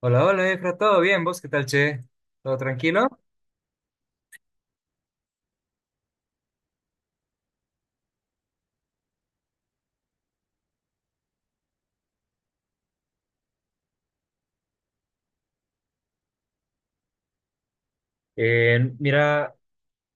Hola, hola, Efra, ¿todo bien? ¿Vos qué tal, che? ¿Todo tranquilo? Mira,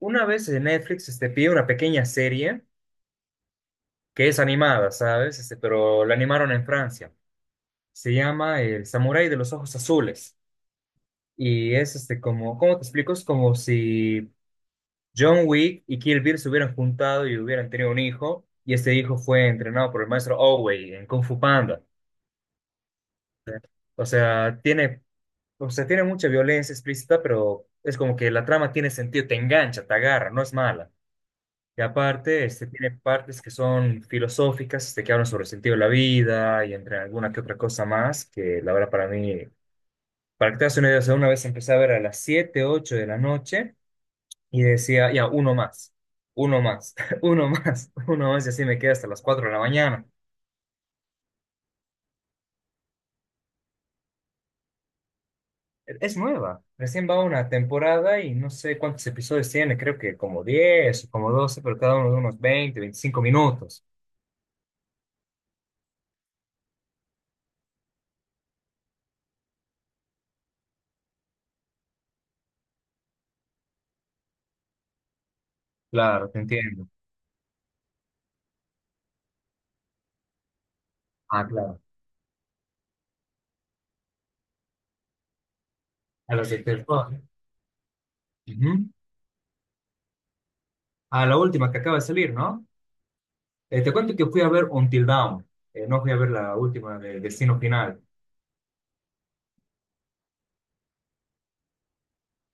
una vez en Netflix este, pide una pequeña serie que es animada, ¿sabes? Este, pero la animaron en Francia. Se llama El Samurái de los Ojos Azules. Y es este, como, ¿cómo te explico? Es como si John Wick y Kill Bill se hubieran juntado y hubieran tenido un hijo, y este hijo fue entrenado por el maestro Oogway en Kung Fu Panda. O sea, tiene O sea, tiene mucha violencia explícita, pero es como que la trama tiene sentido, te engancha, te agarra, no es mala. Y aparte, este, tiene partes que son filosóficas, este, que hablan sobre el sentido de la vida y entre alguna que otra cosa más, que la verdad para mí, para que te hagas una idea, o sea, una vez empecé a ver a las 7, 8 de la noche y decía, ya, uno más, uno más, y así me quedé hasta las 4 de la mañana. Es nueva, recién va una temporada y no sé cuántos episodios tiene, creo que como 10 o como 12 pero cada uno de unos 20, 25 minutos. Claro, te entiendo. Ah, claro. A los de Telfónica. Ujú. A la última que acaba de salir, ¿no? Te cuento que fui a ver Until Dawn, no fui a ver la última de Destino Final.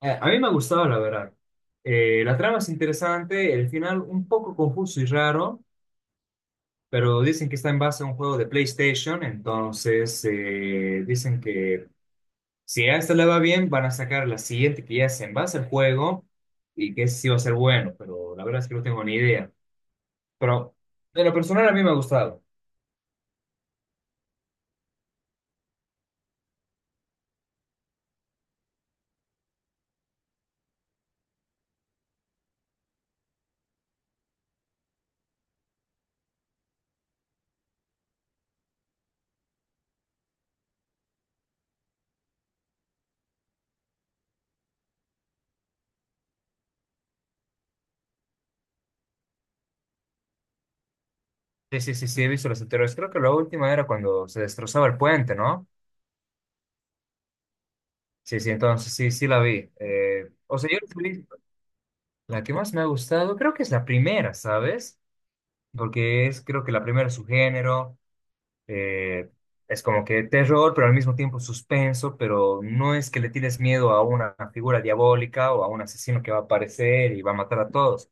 A mí me ha gustado, la verdad. La trama es interesante, el final un poco confuso y raro, pero dicen que está en base a un juego de PlayStation, entonces dicen que si a esta le va bien, van a sacar la siguiente que ya se en base al juego y que sí va a ser bueno, pero la verdad es que no tengo ni idea. Pero de lo personal a mí me ha gustado. Sí, sí, sí, sí, he visto los anteriores. Creo que la última era cuando se destrozaba el puente, ¿no? Sí, sí, entonces sí, sí la vi. O sea, yo la que más me ha gustado creo que es la primera, ¿sabes? Porque es creo que la primera es su género. Eh, es como que terror, pero al mismo tiempo suspenso, pero no es que le tienes miedo a una figura diabólica o a un asesino que va a aparecer y va a matar a todos,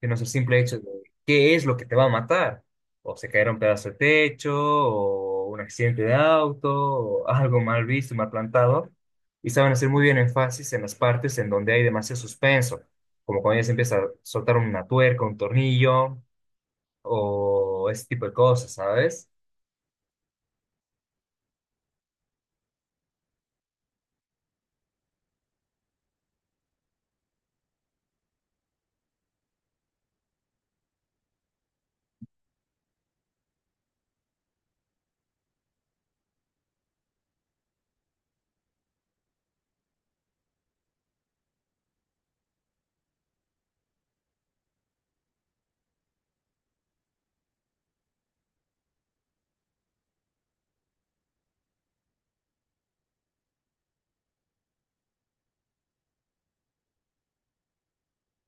sino es el simple hecho de qué es lo que te va a matar. O se caerá un pedazo de techo, o un accidente de auto, o algo mal visto, mal plantado. Y saben hacer muy bien énfasis en las partes en donde hay demasiado suspenso, como cuando ya se empieza a soltar una tuerca, un tornillo, o ese tipo de cosas, ¿sabes?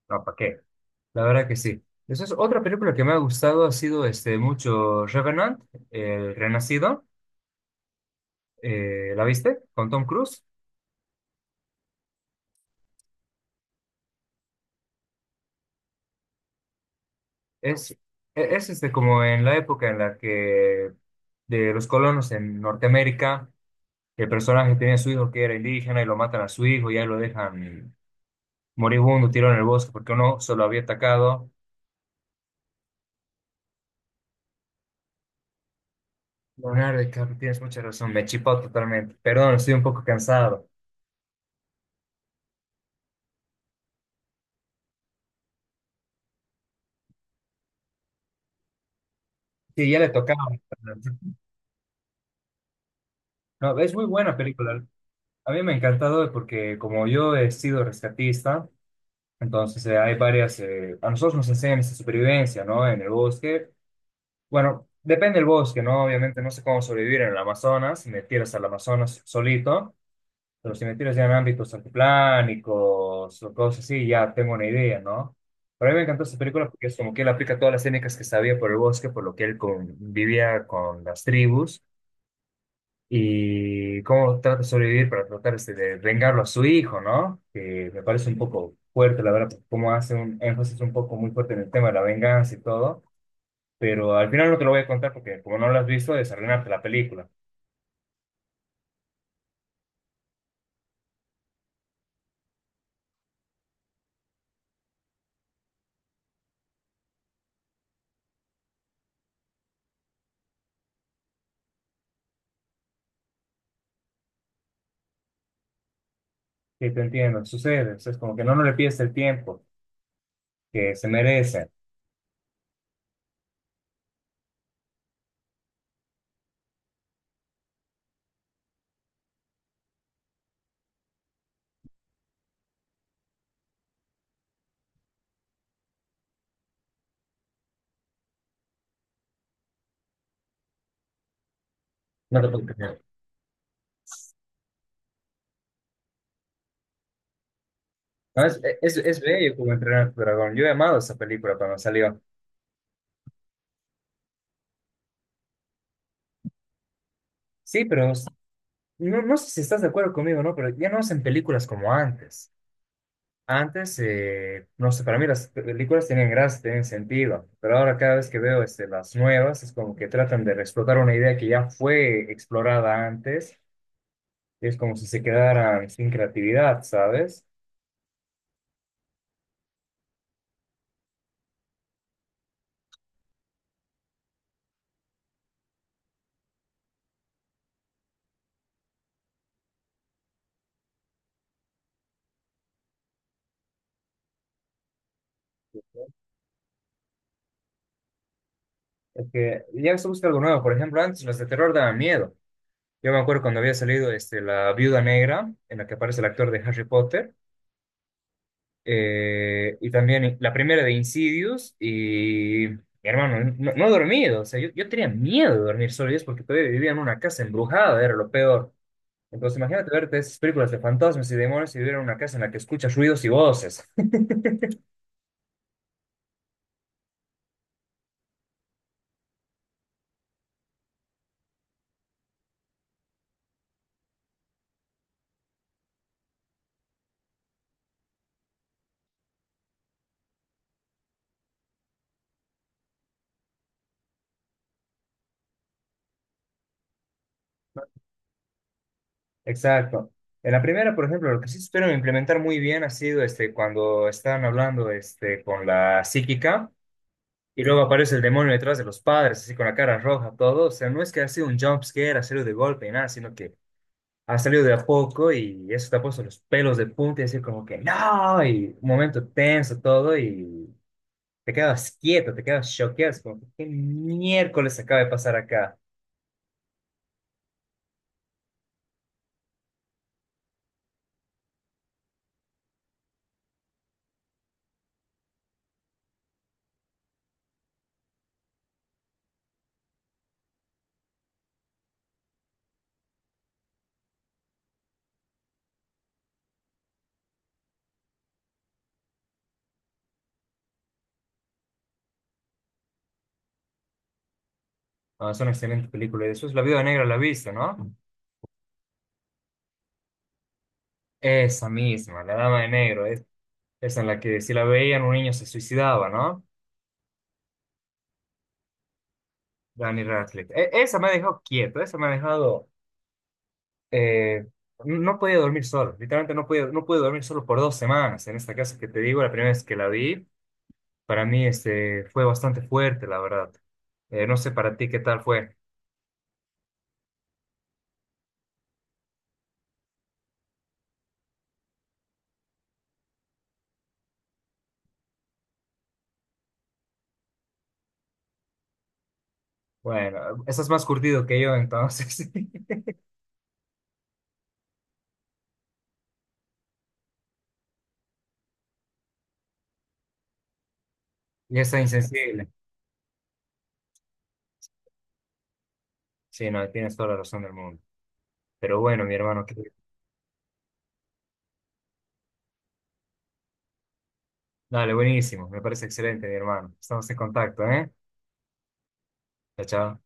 No, ¿para qué? La verdad que sí. Esa es otra película que me ha gustado, ha sido este, mucho Revenant, El Renacido. ¿La viste? Con Tom Cruise. Es, es este, como en la época en la que de los colonos en Norteamérica, el personaje tenía a su hijo que era indígena y lo matan a su hijo y ahí lo dejan moribundo, tirado en el bosque porque uno se lo había atacado. Leonardo DiCaprio, tienes mucha razón, me chipó totalmente. Perdón, estoy un poco cansado. Sí, ya le tocaba. No, es muy buena película. A mí me ha encantado porque como yo he sido rescatista, entonces hay varias, a nosotros nos enseñan esa supervivencia, ¿no? En el bosque. Bueno, depende del bosque, ¿no? Obviamente no sé cómo sobrevivir en el Amazonas, si me tiras al Amazonas solito, pero si me tiras ya en ámbitos altiplánicos o cosas así, ya tengo una idea, ¿no? Pero a mí me encantó esta película porque es como que él aplica todas las técnicas que sabía por el bosque, por lo que él convivía con las tribus y cómo trata de sobrevivir para tratar este, de vengarlo a su hijo, ¿no? Que me parece un poco fuerte, la verdad, como hace un énfasis un poco muy fuerte en el tema de la venganza y todo, pero al final no te lo voy a contar porque como no lo has visto, es arruinarte la película. Sí, te entiendo, sucede, o sea, es como que no, no le pides el tiempo que se merece. No te puedo creer. No, es bello como entrenar a tu dragón. Yo he amado esa película cuando salió. Sí, pero no, no sé si estás de acuerdo conmigo, ¿no? Pero ya no hacen películas como antes. Antes, no sé, para mí las películas tenían gracia, tenían sentido, pero ahora cada vez que veo este, las nuevas es como que tratan de explotar una idea que ya fue explorada antes, y es como si se quedaran sin creatividad, ¿sabes? Es que ya se busca algo nuevo, por ejemplo, antes las de terror daban miedo. Yo me acuerdo cuando había salido este, La Viuda Negra, en la que aparece el actor de Harry Potter. Y también la primera de Insidious y mi hermano, no, no he dormido, o sea, yo tenía miedo de dormir solo y es porque todavía vivía en una casa embrujada, era lo peor. Entonces imagínate verte esas películas de fantasmas y demonios y vivir en una casa en la que escuchas ruidos y voces. Exacto. En la primera, por ejemplo, lo que sí espero implementar muy bien ha sido este, cuando están hablando este, con la psíquica y luego aparece el demonio detrás de los padres, así con la cara roja, todo. O sea, no es que ha sido un jump scare, hacerlo de golpe, y nada, sino que ha salido de a poco y eso te ha puesto los pelos de punta y decir como que no, y un momento tenso todo y te quedas quieto, te quedas choqueado, es como que qué miércoles acaba de pasar acá. Ah, es una excelente película y después La Viuda Negra la viste, ¿no? Esa misma, La Dama de Negro, es, esa en la que si la veían un niño se suicidaba, ¿no? Danny Radcliffe. E- esa me ha dejado quieto, esa me ha dejado... eh, no podía dormir solo, literalmente no podía, no pude dormir solo por 2 semanas en esta casa que te digo, la primera vez que la vi. Para mí este, fue bastante fuerte, la verdad. No sé para ti qué tal fue. Bueno, estás más curtido que yo, entonces. Y está insensible. Sí, no, tienes toda la razón del mundo. Pero bueno, mi hermano, que- dale, buenísimo. Me parece excelente, mi hermano. Estamos en contacto, ¿eh? Chao, chao.